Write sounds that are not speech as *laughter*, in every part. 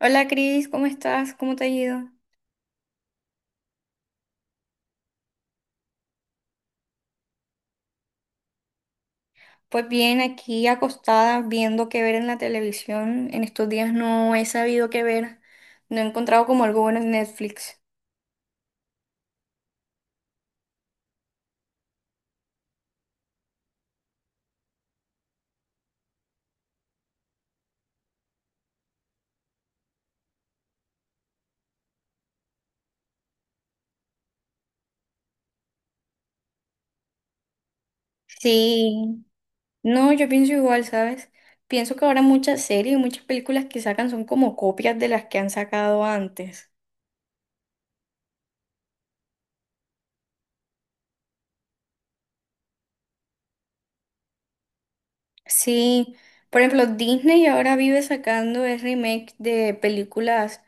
Hola Cris, ¿cómo estás? ¿Cómo te ha ido? Pues bien, aquí acostada viendo qué ver en la televisión. En estos días no he sabido qué ver. No he encontrado como algo bueno en Netflix. Sí, no, yo pienso igual, ¿sabes? Pienso que ahora muchas series y muchas películas que sacan son como copias de las que han sacado antes. Sí, por ejemplo, Disney ahora vive sacando el remake de películas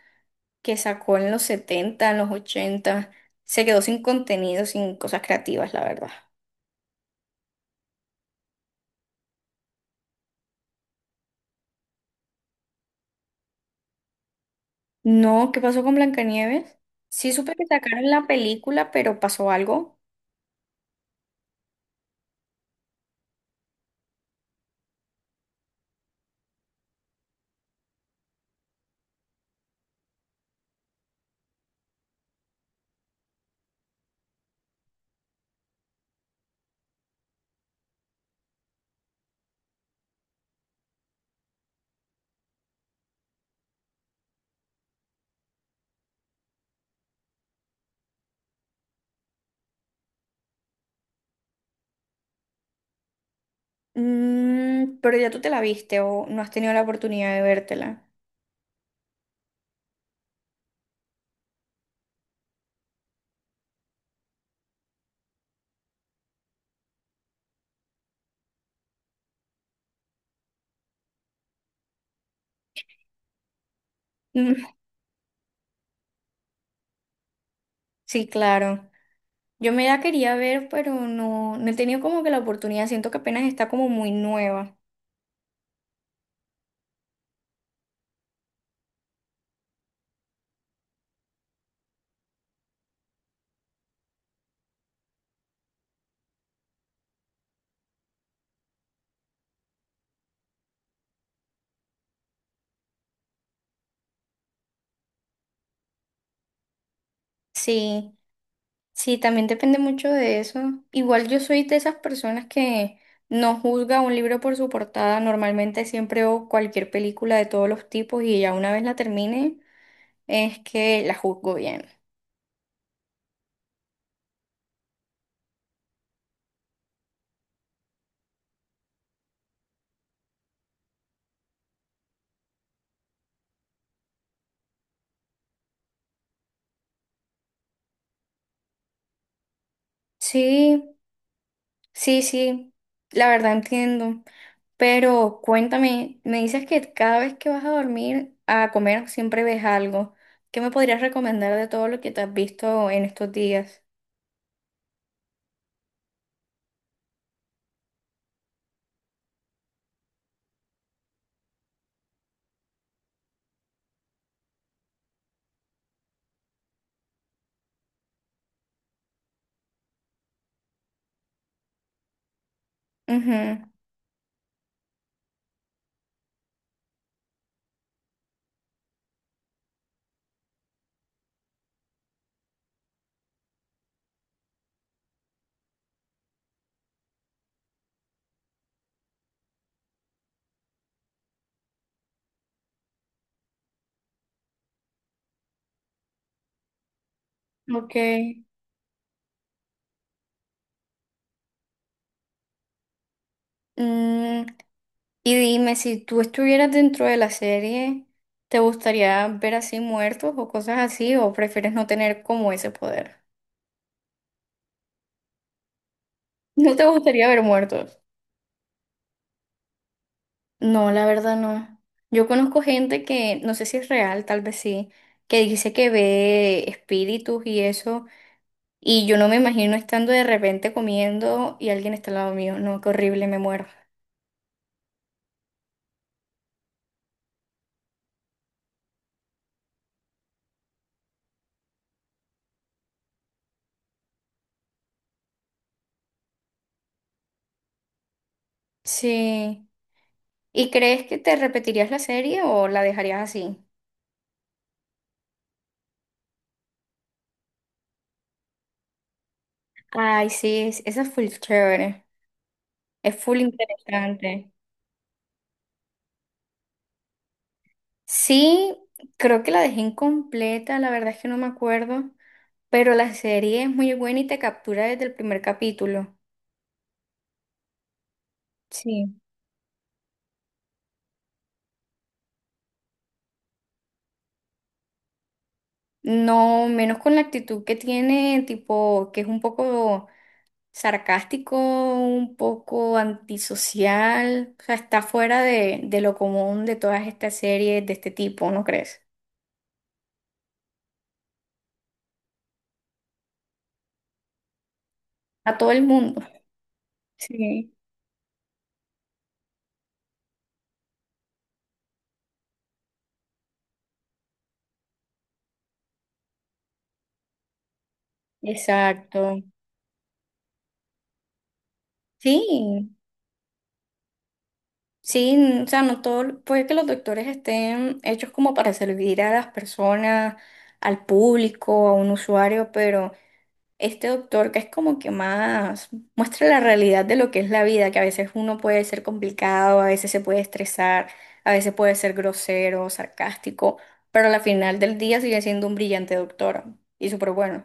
que sacó en los 70, en los 80. Se quedó sin contenido, sin cosas creativas, la verdad. No, ¿qué pasó con Blancanieves? Sí supe que sacaron la película, pero pasó algo. Pero ya tú te la viste o no has tenido la oportunidad de vértela. *laughs* Mm. Sí, claro. Yo me la quería ver, pero no, no he tenido como que la oportunidad. Siento que apenas está como muy nueva. Sí, sí, también depende mucho de eso. Igual yo soy de esas personas que no juzga un libro por su portada. Normalmente siempre o cualquier película de todos los tipos y ya una vez la termine. Es que la juzgo bien. Sí, sí, sí, la verdad entiendo. Pero cuéntame, me dices que cada vez que vas a dormir a comer siempre ves algo. ¿Qué me podrías recomendar de todo lo que te has visto en estos días? Ujú. Ok. Mm, y dime, si tú estuvieras dentro de la serie, ¿te gustaría ver así muertos o cosas así? ¿O prefieres no tener como ese poder? *laughs* ¿No te gustaría ver muertos? No, la verdad no. Yo conozco gente que, no sé si es real, tal vez sí, que dice que ve espíritus y eso, y yo no me imagino estando de repente comiendo y alguien está al lado mío. No, qué horrible, me muero. Sí. ¿Y crees que te repetirías la serie o la dejarías así? Ay, sí, esa es full chévere, es full interesante. Sí, creo que la dejé incompleta, la verdad es que no me acuerdo, pero la serie es muy buena y te captura desde el primer capítulo. Sí, no, menos con la actitud que tiene, tipo, que es un poco sarcástico, un poco antisocial, o sea, está fuera de lo común de todas estas series de este tipo, ¿no crees? A todo el mundo. Sí, exacto. Sí, sí, o sea, no todo, puede que los doctores estén hechos como para servir a las personas, al público, a un usuario, pero… este doctor que es como que más muestra la realidad de lo que es la vida, que a veces uno puede ser complicado, a veces se puede estresar, a veces puede ser grosero, sarcástico, pero al final del día sigue siendo un brillante doctor y súper bueno.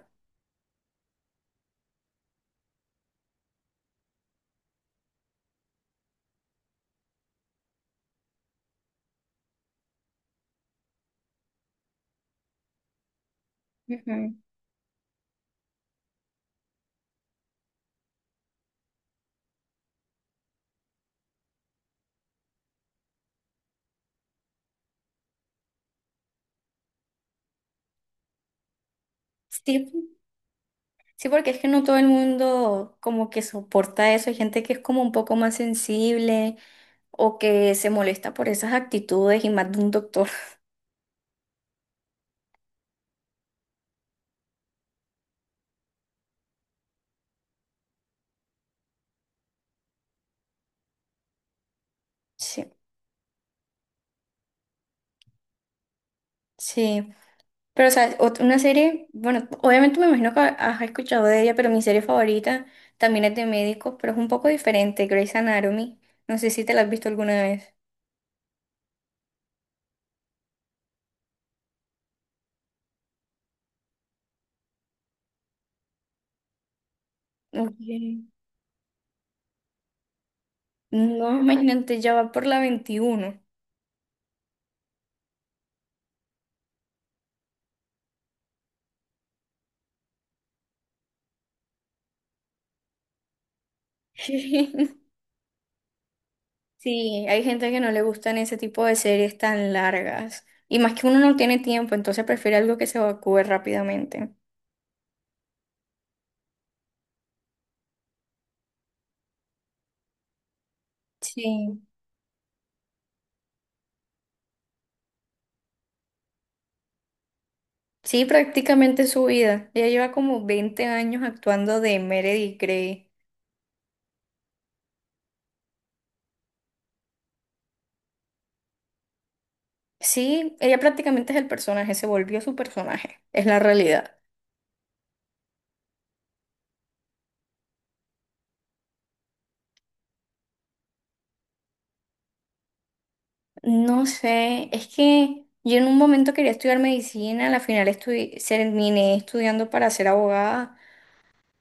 Ujú. Sí, sí, porque es que no todo el mundo como que soporta eso. Hay gente que es como un poco más sensible o que se molesta por esas actitudes y más de un doctor. *laughs* Sí, sí. Pero, o sea, una serie, bueno, obviamente me imagino que has escuchado de ella, pero mi serie favorita también es de médicos, pero es un poco diferente, Grey's Anatomy. No sé si te la has visto alguna vez. Ok. No, imagínate, ya va por la 21. *laughs* Sí, hay gente que no le gustan ese tipo de series tan largas. Y más que uno no tiene tiempo, entonces prefiere algo que se evacúe rápidamente. Sí. Sí, prácticamente su vida. Ella lleva como 20 años actuando de Meredith Grey. Sí, ella prácticamente es el personaje, se volvió su personaje, es la realidad. No sé, es que yo en un momento quería estudiar medicina, al final terminé estudiando para ser abogada,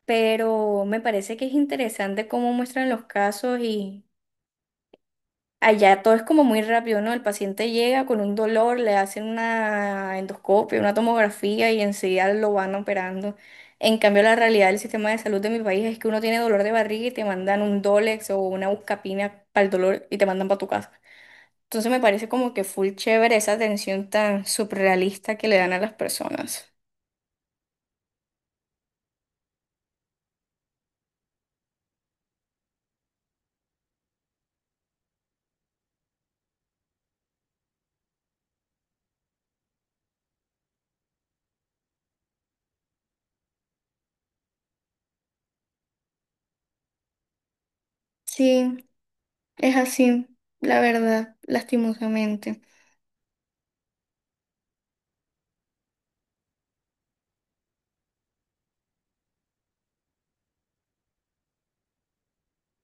pero me parece que es interesante cómo muestran los casos y allá todo es como muy rápido, ¿no? El paciente llega con un dolor, le hacen una endoscopia, una tomografía y enseguida lo van operando. En cambio, la realidad del sistema de salud de mi país es que uno tiene dolor de barriga y te mandan un Dolex o una buscapina para el dolor y te mandan para tu casa. Entonces me parece como que full chévere esa atención tan surrealista que le dan a las personas. Sí, es así, la verdad, lastimosamente.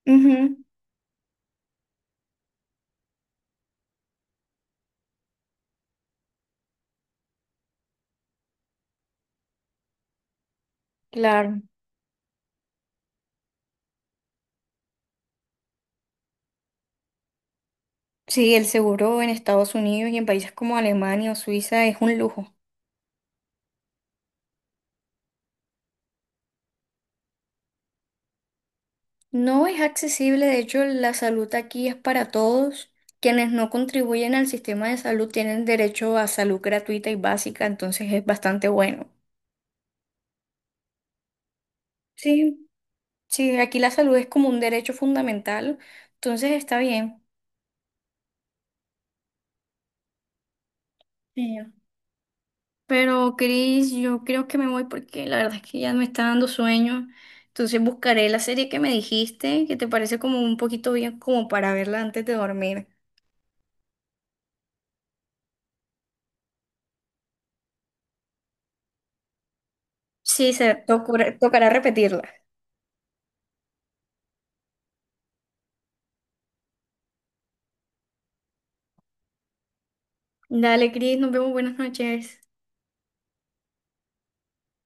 Ujú, claro. Sí, el seguro en Estados Unidos y en países como Alemania o Suiza es un lujo. No es accesible, de hecho, la salud aquí es para todos. Quienes no contribuyen al sistema de salud tienen derecho a salud gratuita y básica, entonces es bastante bueno. Sí, sí, aquí la salud es como un derecho fundamental, entonces está bien. Sí. Pero Cris, yo creo que me voy porque la verdad es que ya me está dando sueño. Entonces buscaré la serie que me dijiste, que te parece como un poquito bien como para verla antes de dormir. Sí, se te tocará repetirla. Dale, Cris, nos vemos, buenas noches.